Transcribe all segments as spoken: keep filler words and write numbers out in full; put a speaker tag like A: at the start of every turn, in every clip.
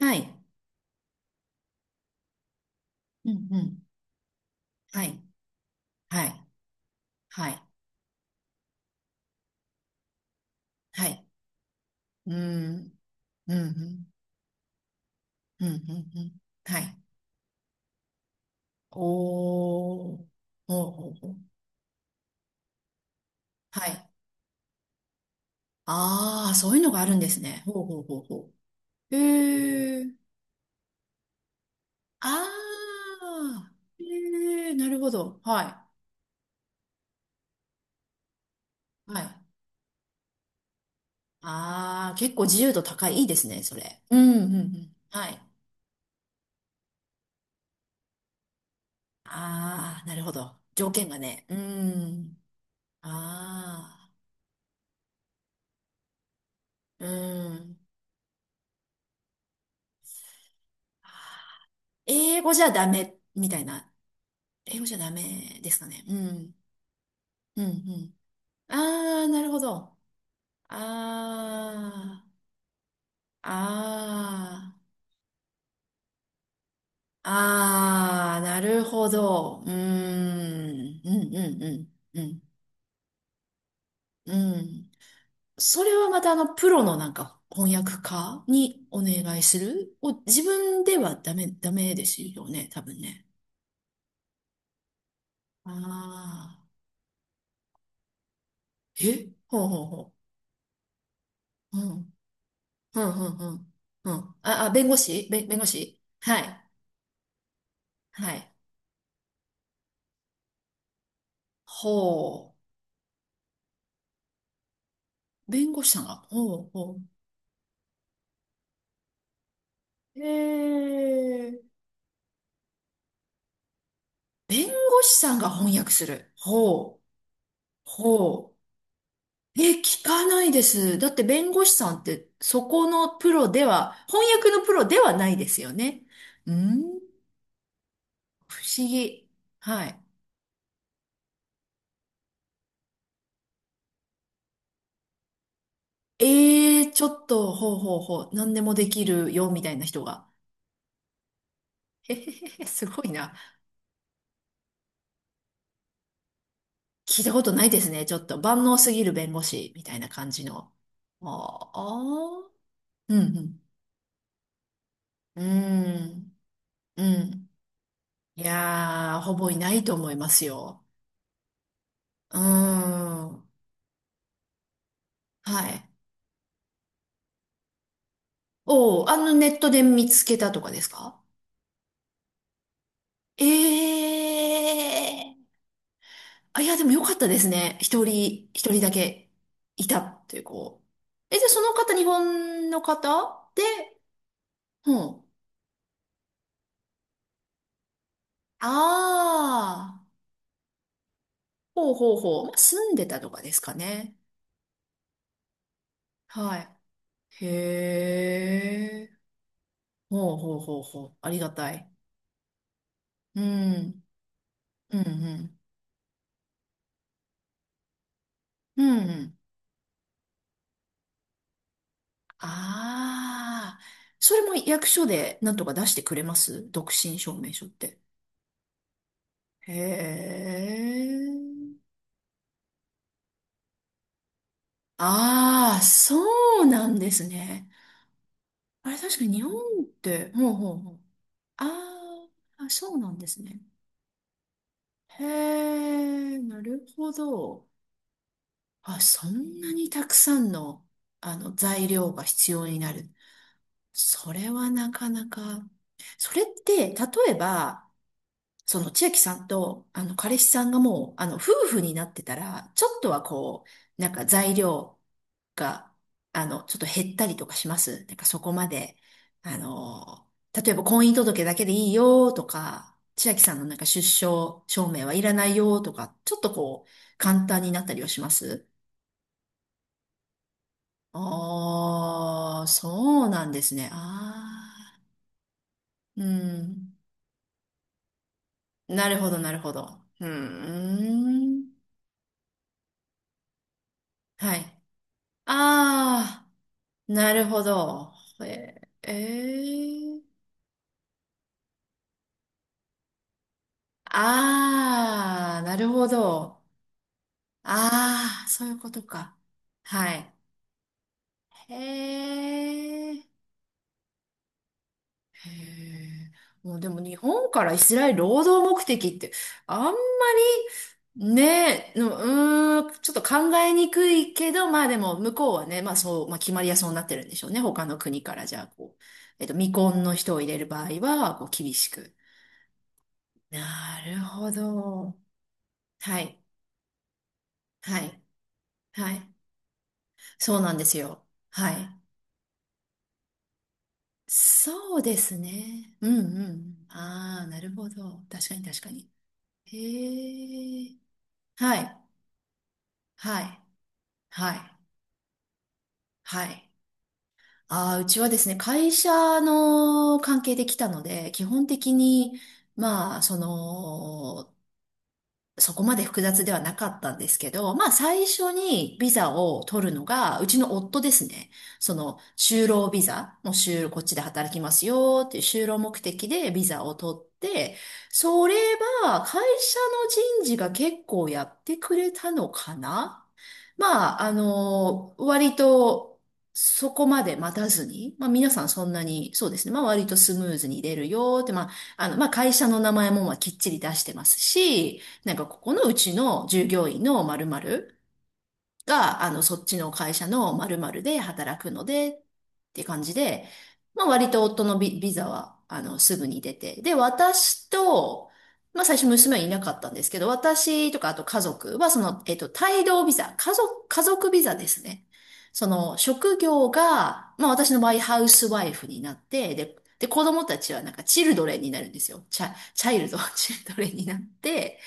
A: はい。うん、うん。はい。はい。はい。はい。うん。うん、うん。うん、うん。うん、はい。おー。ほうほうほう。はい。ああ、そういうのがあるんですね。ほうほうほうほう。へえ。ああ。へえ、なるほど。はい。はい。ああ、結構自由度高い。いいですね、それ。うん、うん、うん。はい。ああ、なるほど。条件がね。うん。ああ。うん。英語じゃダメ、みたいな。英語じゃダメですかね。うん。うん、うん。あー、なるほど。あー、あー、あー、なるほど。うーん、うん、うん、うん、うん。うん。それはまたあの、プロのなんか翻訳家にお願いするを自分ではダメ、ダメですよね、多分ね。ああ、えほうほうほう。うんうん、うん、うん。うん。あ、あ、弁護士弁弁護士、はい。はい。ほう。弁護士さんが、ほう、ほう。えー、弁護士さんが翻訳する。ほう、ほう。え、聞かないです。だって弁護士さんって、そこのプロでは、翻訳のプロではないですよね。うん、不思議。はい。えー、ちょっと、ほうほうほう、何でもできるよ、みたいな人が。へへへへ、すごいな。聞いたことないですね。ちょっと万能すぎる弁護士みたいな感じの。ああ、うん、うん。うん、うん。いやー、ほぼいないと思いますよ。うーん。はい。おー、あのネットで見つけたとかですか？ええー。あ、いや、でもよかったですね。一人、一人だけいたっていう子。え、じゃあその方、日本の方で、うん。ああ。ほうほうほう。まあ住んでたとかですかね。はい。へえ。ほうほうほうほう。ありがたい。うん。うんうん。うんうん。ああ。それも役所でなんとか出してくれます、独身証明書って？へえ。ああ、そうなんですね。あれ確かに日本って、ほうほうほう。あー、あ、そうなんですね。へえ、なるほど。あ、そんなにたくさんの、あの、材料が必要になる。それはなかなか。それって、例えば、その千秋さんと、あの、彼氏さんがもう、あの、夫婦になってたら、ちょっとはこう、なんか材料が、あの、ちょっと減ったりとかします？なんかそこまで、あの、例えば婚姻届だけでいいよとか、千秋さんのなんか出生証明はいらないよとか、ちょっとこう、簡単になったりはします？ああ、そうなんですね。ああ、うん。なるほど、なるほど。うーん。はい。ああ、なるほど。え、えー、ああー、なるほど。ああ、そういうことか。はい。へえ。へえ。もうでも日本からイスラエル労働目的ってあんまりね、ううーん、ちょっと考えにくいけど、まあでも向こうはね、まあそう、まあ決まりやそうになってるんでしょうね。他の国からじゃあこう、えっと、未婚の人を入れる場合は、こう厳しく。なるほど。はい、はい、はい。そうなんですよ。はい。そうですね。うんうん。ああ、なるほど。確かに確かに。へえ。はい。はい、はい、はい。ああ、うちはですね、会社の関係で来たので、基本的に、まあ、その、そこまで複雑ではなかったんですけど、まあ最初にビザを取るのが、うちの夫ですね。その就労ビザ、もう就、こっちで働きますよっていう就労目的でビザを取って、それは会社の人事が結構やってくれたのかな。まあ、あの、割と、そこまで待たずに、まあ皆さんそんなに、そうですね、まあ割とスムーズに出るよって、まあ、あの、まあ会社の名前もまあきっちり出してますし、なんかここのうちの従業員の〇〇が、あの、そっちの会社の〇〇で働くので、って感じで、まあ割と夫のビ、ビザは、あの、すぐに出て。で、私と、まあ最初娘はいなかったんですけど、私とかあと家族はその、えっと、帯同ビザ、家族、家族ビザですね。その、職業が、まあ私の場合ハウスワイフになって、で、で、子供たちはなんかチルドレンになるんですよ。チャ、チャイルド、チルドレンになって、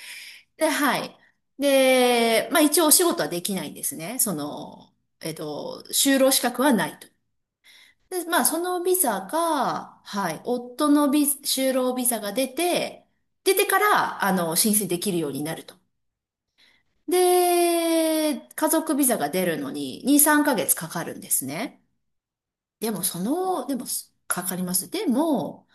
A: で、はい。で、まあ一応お仕事はできないんですね。その、えっと、就労資格はないと。で、まあそのビザが、はい、夫のビ、就労ビザが出て、出てから、あの、申請できるようになると。で、家族ビザが出るのにに、さんかげつかかるんですね。でもその、でも、かかります。でも、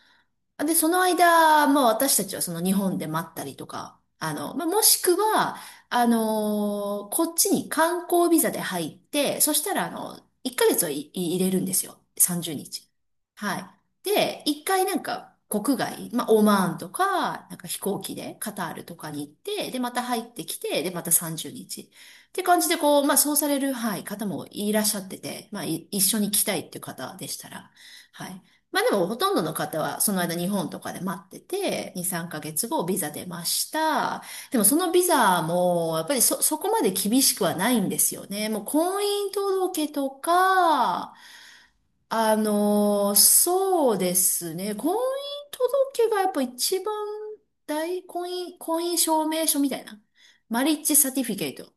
A: で、その間、まあ私たちはその日本で待ったりとか、あの、まあ、もしくは、あのーこっちに観光ビザで入って、そしたら、あの、いっかげつはい入れるんですよ。さんじゅうにち。はい。で、一回なんか国外、まあ、オマーンとか、なんか飛行機でカタールとかに行って、で、また入ってきて、で、またさんじゅうにち。って感じで、こう、まあ、そうされる、はい、方もいらっしゃってて、まあ、い一緒に来たいっていう方でしたら、はい。まあでもほとんどの方はその間日本とかで待ってて、に、さんかげつごビザ出ました。でもそのビザもやっぱりそ、そこまで厳しくはないんですよね。もう婚姻届とか、あの、そうですね。婚姻届がやっぱ一番大、婚姻、婚姻証明書みたいな。マリッジサティフィケイト。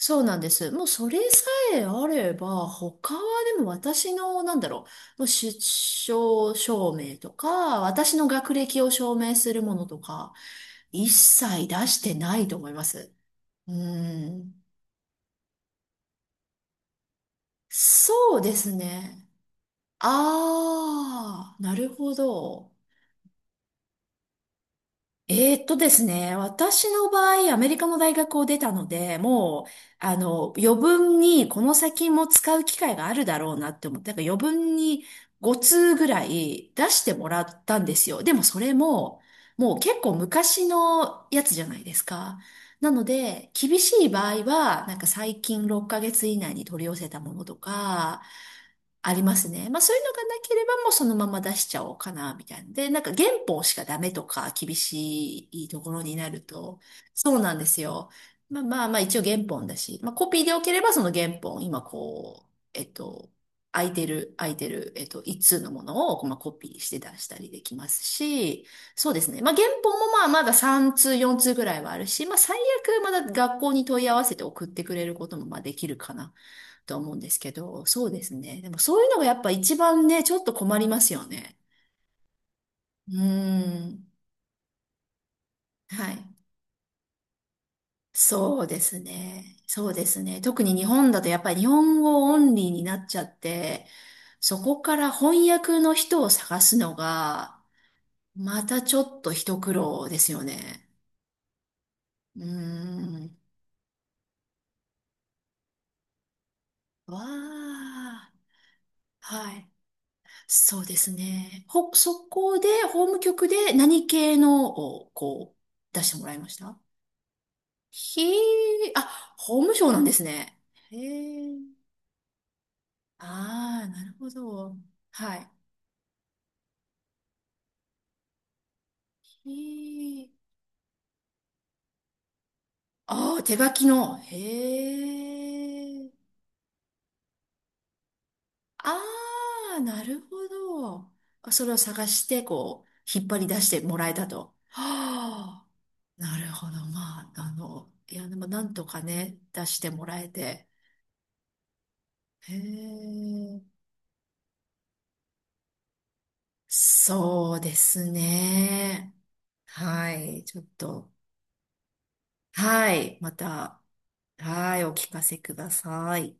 A: そうなんです。もうそれさえあれば、他は。でも私の、なんだろう、もう出生証明とか、私の学歴を証明するものとか、一切出してないと思います。うん。そうですね。ああ、なるほど。えーっとですね、私の場合、アメリカの大学を出たので、もう、あの、余分にこの先も使う機会があるだろうなって思って、だから余分にご通ぐらい出してもらったんですよ。でもそれも、もう結構昔のやつじゃないですか。なので、厳しい場合は、なんか最近ろっかげつ以内に取り寄せたものとか、ありますね。まあそういうのがなければもうそのまま出しちゃおうかな、みたいな。で、なんか原本しかダメとか厳しいところになると、そうなんですよ。まあまあまあ一応原本だし、まあコピーでよければその原本、今こう、えっと、空いてる、空いてる、えっと、一通のものを、まあ、コピーして出したりできますし、そうですね。まあ原本もまあまださん通、よん通ぐらいはあるし、まあ最悪まだ学校に問い合わせて送ってくれることもまあできるかな、と思うんですけど、そうですね。でもそういうのがやっぱ一番ね、ちょっと困りますよね。うーん。はい。そうですね。そうですね。特に日本だとやっぱり日本語オンリーになっちゃって、そこから翻訳の人を探すのが、またちょっと一苦労ですよね。うーん。わあ。はい。そうですね。ほ、そこで、法務局で何系のを、こう、出してもらいました？ひー、あ、法務省なんですね。へえ。ああ、なるほど。はい。ひー、ああ、手書きの。へえ。ああ、なるほど。あ、それを探して、こう、引っ張り出してもらえたと。はあ、なるほど。まあ、あの、いや、でもなんとかね、出してもらえて。へえ。そうですね。はい。ちょっと。はい。また、はい。お聞かせください。